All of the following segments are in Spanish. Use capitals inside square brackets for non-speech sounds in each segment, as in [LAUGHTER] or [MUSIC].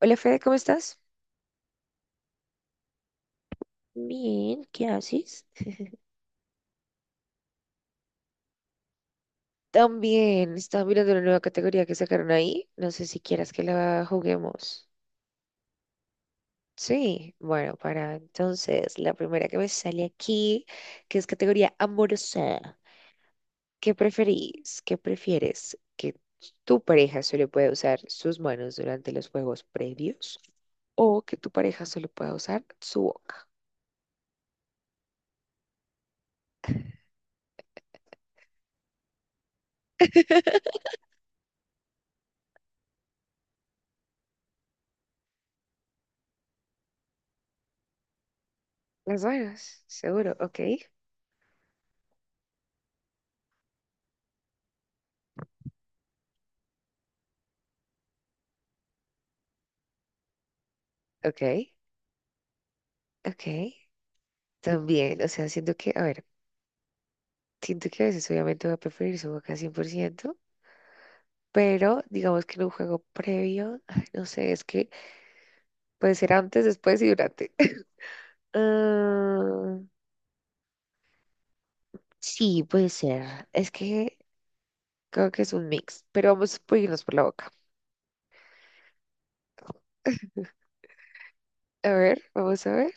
Hola Fede, ¿cómo estás? Bien, ¿qué haces? También estaba mirando la nueva categoría que sacaron ahí. No sé si quieras que la juguemos. Sí, bueno, para entonces la primera que me sale aquí, que es categoría amorosa. ¿Qué preferís? ¿Qué prefieres? ¿Que tu pareja solo pueda usar sus manos durante los juegos previos? ¿O que tu pareja solo pueda usar su boca? Las manos, seguro, ok, ok, ok. También, o sea, siento que, a ver. Siento que a veces obviamente voy a preferir su boca 100%, pero digamos que en un juego previo, ay, no sé, es que puede ser antes, después y durante. [LAUGHS] Ah, sí, puede ser. Es que creo que es un mix, pero vamos a irnos por la boca. A ver, vamos a ver.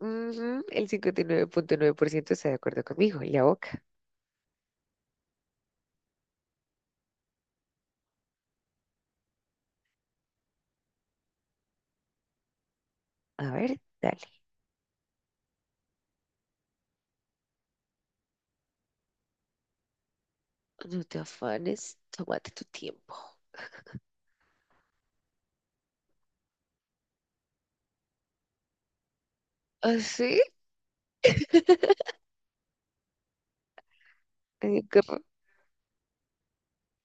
Ujú, el 59,9% está de acuerdo conmigo, y la boca. A ver, dale. No te afanes, tómate tu tiempo. ¿Ah, sí? [LAUGHS] Ay, qué horror.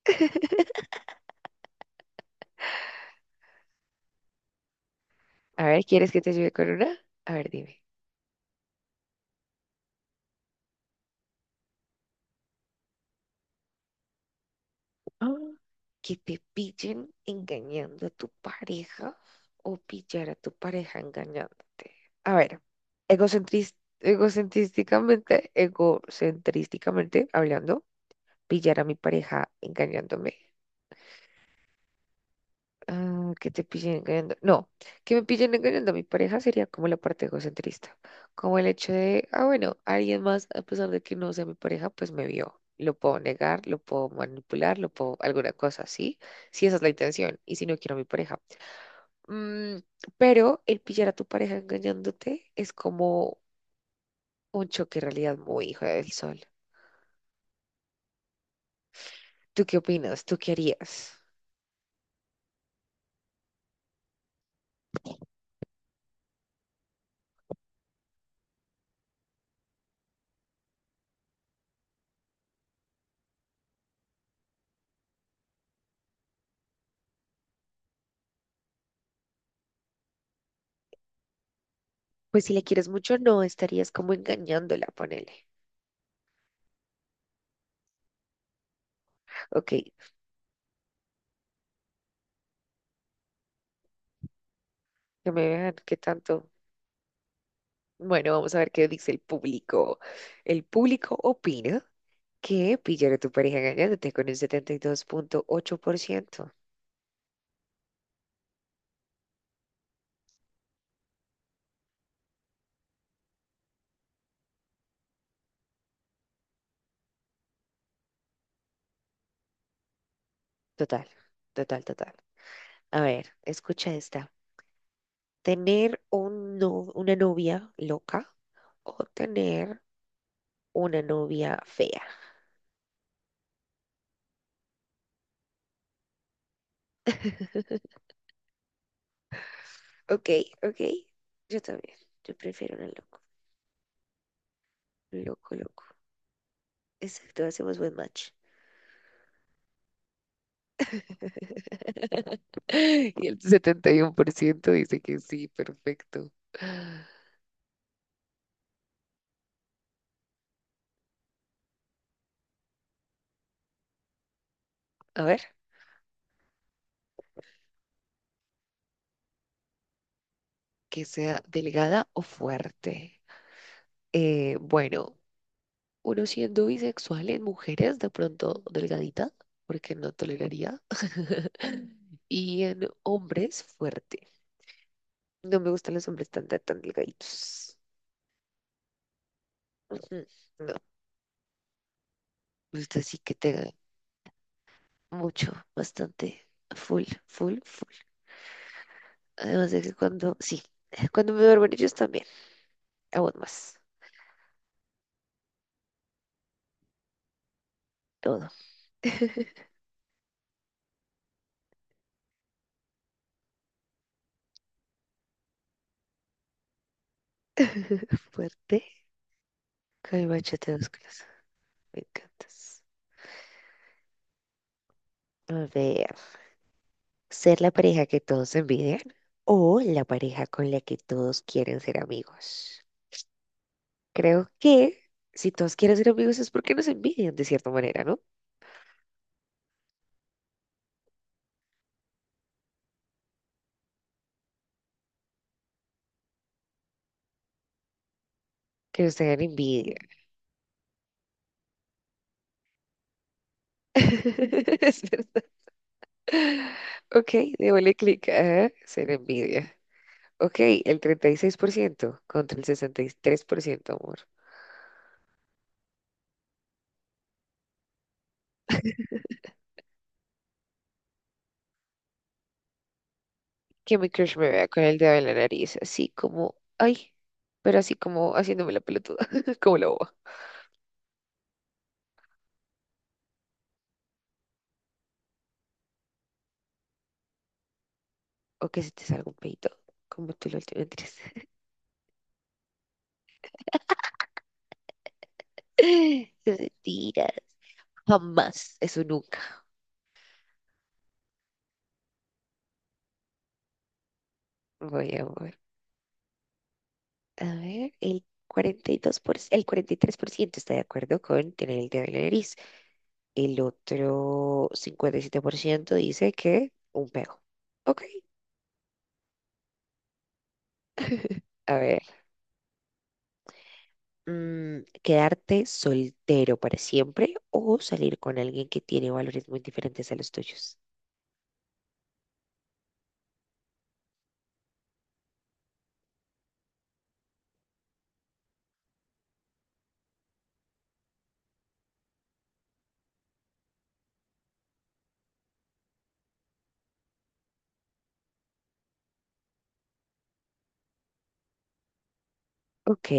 [LAUGHS] A ver, ¿quieres que te ayude con una? A ver, dime. Ah, que te pillen engañando a tu pareja o pillar a tu pareja engañándote. A ver, egocentris- egocentrísticamente hablando, pillar a mi pareja engañándome. Ah, que te pillen engañando. No, que me pillen engañando a mi pareja sería como la parte egocentrista. Como el hecho de, ah, bueno, alguien más, a pesar de que no sea mi pareja, pues me vio. Lo puedo negar, lo puedo manipular, lo puedo, alguna cosa, ¿sí? Si esa es la intención y si no quiero a mi pareja. Mm, pero el pillar a tu pareja engañándote es como un choque de realidad muy hijo del sol. ¿Tú qué opinas? ¿Tú qué harías? Pues si le quieres mucho, no estarías como engañándola, ponele. Ok, que me vean qué tanto. Bueno, vamos a ver qué dice el público. El público opina que pillar a tu pareja engañándote con un 72,8%. Total, total, total. A ver, escucha esta. ¿Tener un no- una novia loca o tener una novia fea? [LAUGHS] Ok, ok. Yo también. Yo prefiero una loco. Loco, loco. Exacto, hacemos buen match. [GASPS] [LAUGHS] Y el 71% dice que sí, perfecto. A ver. Que sea delgada o fuerte. Bueno, uno siendo bisexual en mujeres, de pronto delgadita, porque no toleraría. [LAUGHS] Y en hombres, fuerte. No me gustan los hombres tan, tan, tan delgaditos. Ujú, no, me gusta así que tenga mucho, bastante, full, full, full. Además de que cuando, sí, [LAUGHS] cuando me duermen ellos también, aún más. Todo. [LAUGHS] Fuerte, con el machete chate, músculos. Me encantas. A ver. ¿Ser la pareja que todos envidian o la pareja con la que todos quieren ser amigos? Creo que si todos quieren ser amigos es porque nos envidian de cierta manera, ¿no? Que nos tengan envidia. [LAUGHS] Es verdad. Ok, démosle clic a ser envidia. Ok, el 36% contra el 63% amor. Que mi crush me vea con el dedo en la nariz, así como, ay, pero así como haciéndome la pelotuda, [LAUGHS] como la boba. O que se te salga un peito, como tú lo tienes. [LAUGHS] Sus mentiras. Jamás. Eso nunca. Voy a ver. A ver, el 42%, el 43% está de acuerdo con tener el dedo en la nariz. El otro 57% dice que un pego. Ok. [LAUGHS] A ver, mm, ¿quedarte soltero para siempre o salir con alguien que tiene valores muy diferentes a los tuyos? Ok.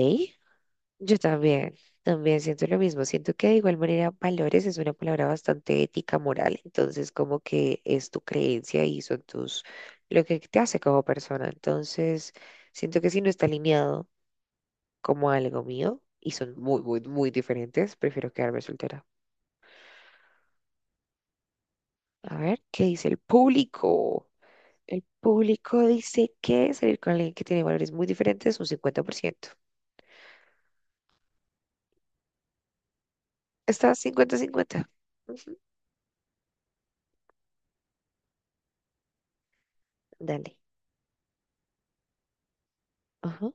Yo también, también siento lo mismo. Siento que de igual manera valores es una palabra bastante ética, moral. Entonces, como que es tu creencia y son tus, lo que te hace como persona. Entonces, siento que si no está alineado como algo mío y son muy, muy, muy diferentes, prefiero quedarme soltera. A ver, ¿qué dice el público? El público dice que salir con alguien que tiene valores muy diferentes es un 50%. Está cincuenta-cincuenta. Dale. Ajá.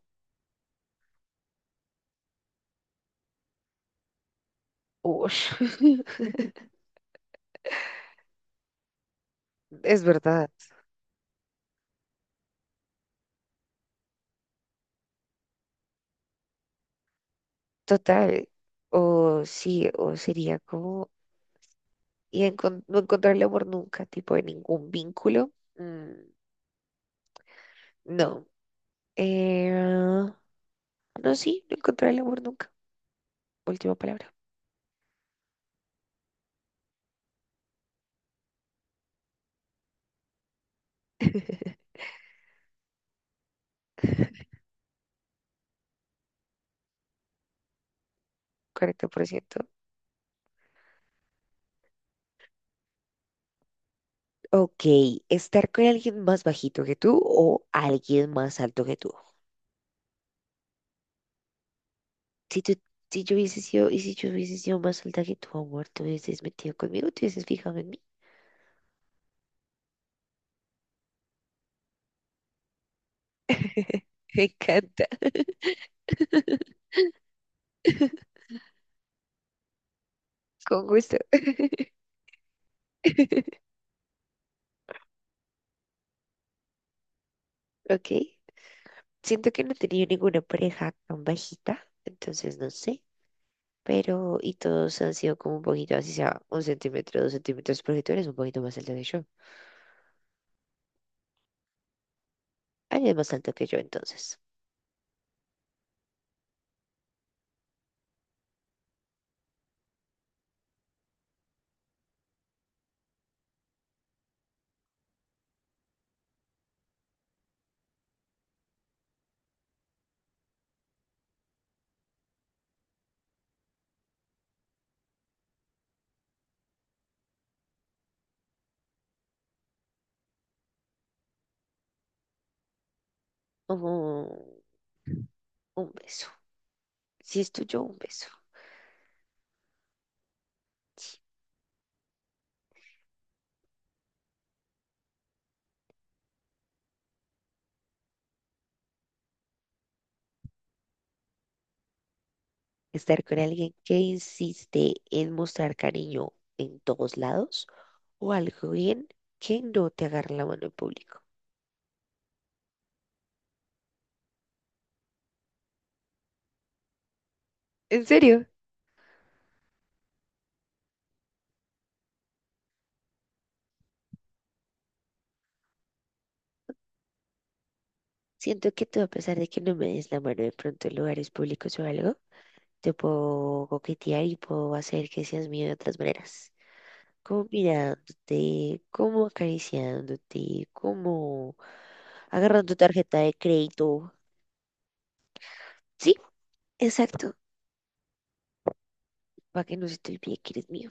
Ush. [LAUGHS] Es verdad. Total, o sí, o sería como, y no encontrarle amor nunca, tipo de ningún vínculo, mm, no. Eh, no, sí, no encontrarle amor nunca, última palabra, 40%. Ok, estar con alguien más bajito que tú o alguien más alto que tú. Si tú, si yo hubiese sido, y si yo hubiese sido más alta que tu amor, ¿te hubieses metido conmigo? ¿Te hubieses fijado en mí? [LAUGHS] Me encanta, [LAUGHS] con gusto. [LAUGHS] Ok. Siento que no he tenido ninguna pareja tan bajita, entonces no sé, pero y todos han sido como un poquito, así sea un centímetro, dos centímetros, porque tú eres un poquito más alto que yo. Alguien más alto que yo, entonces. Ujú, un beso. Si es tuyo, un beso. Estar con alguien que insiste en mostrar cariño en todos lados o alguien que no te agarra la mano en público. ¿En serio? Siento que tú, a pesar de que no me des la mano de pronto en lugares públicos o algo, te puedo coquetear y puedo hacer que seas mío de otras maneras. Como mirándote, como acariciándote, como agarrando tu tarjeta de crédito. Sí, exacto. Para que no se te olvide que eres mío.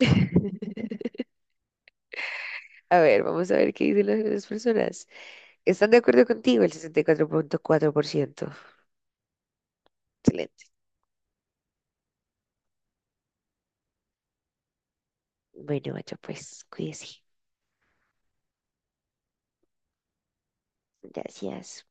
[LAUGHS] A ver, vamos a ver qué dicen las otras personas. ¿Están de acuerdo contigo? El 64.4%. Excelente. Bueno, macho, pues cuídese. Gracias.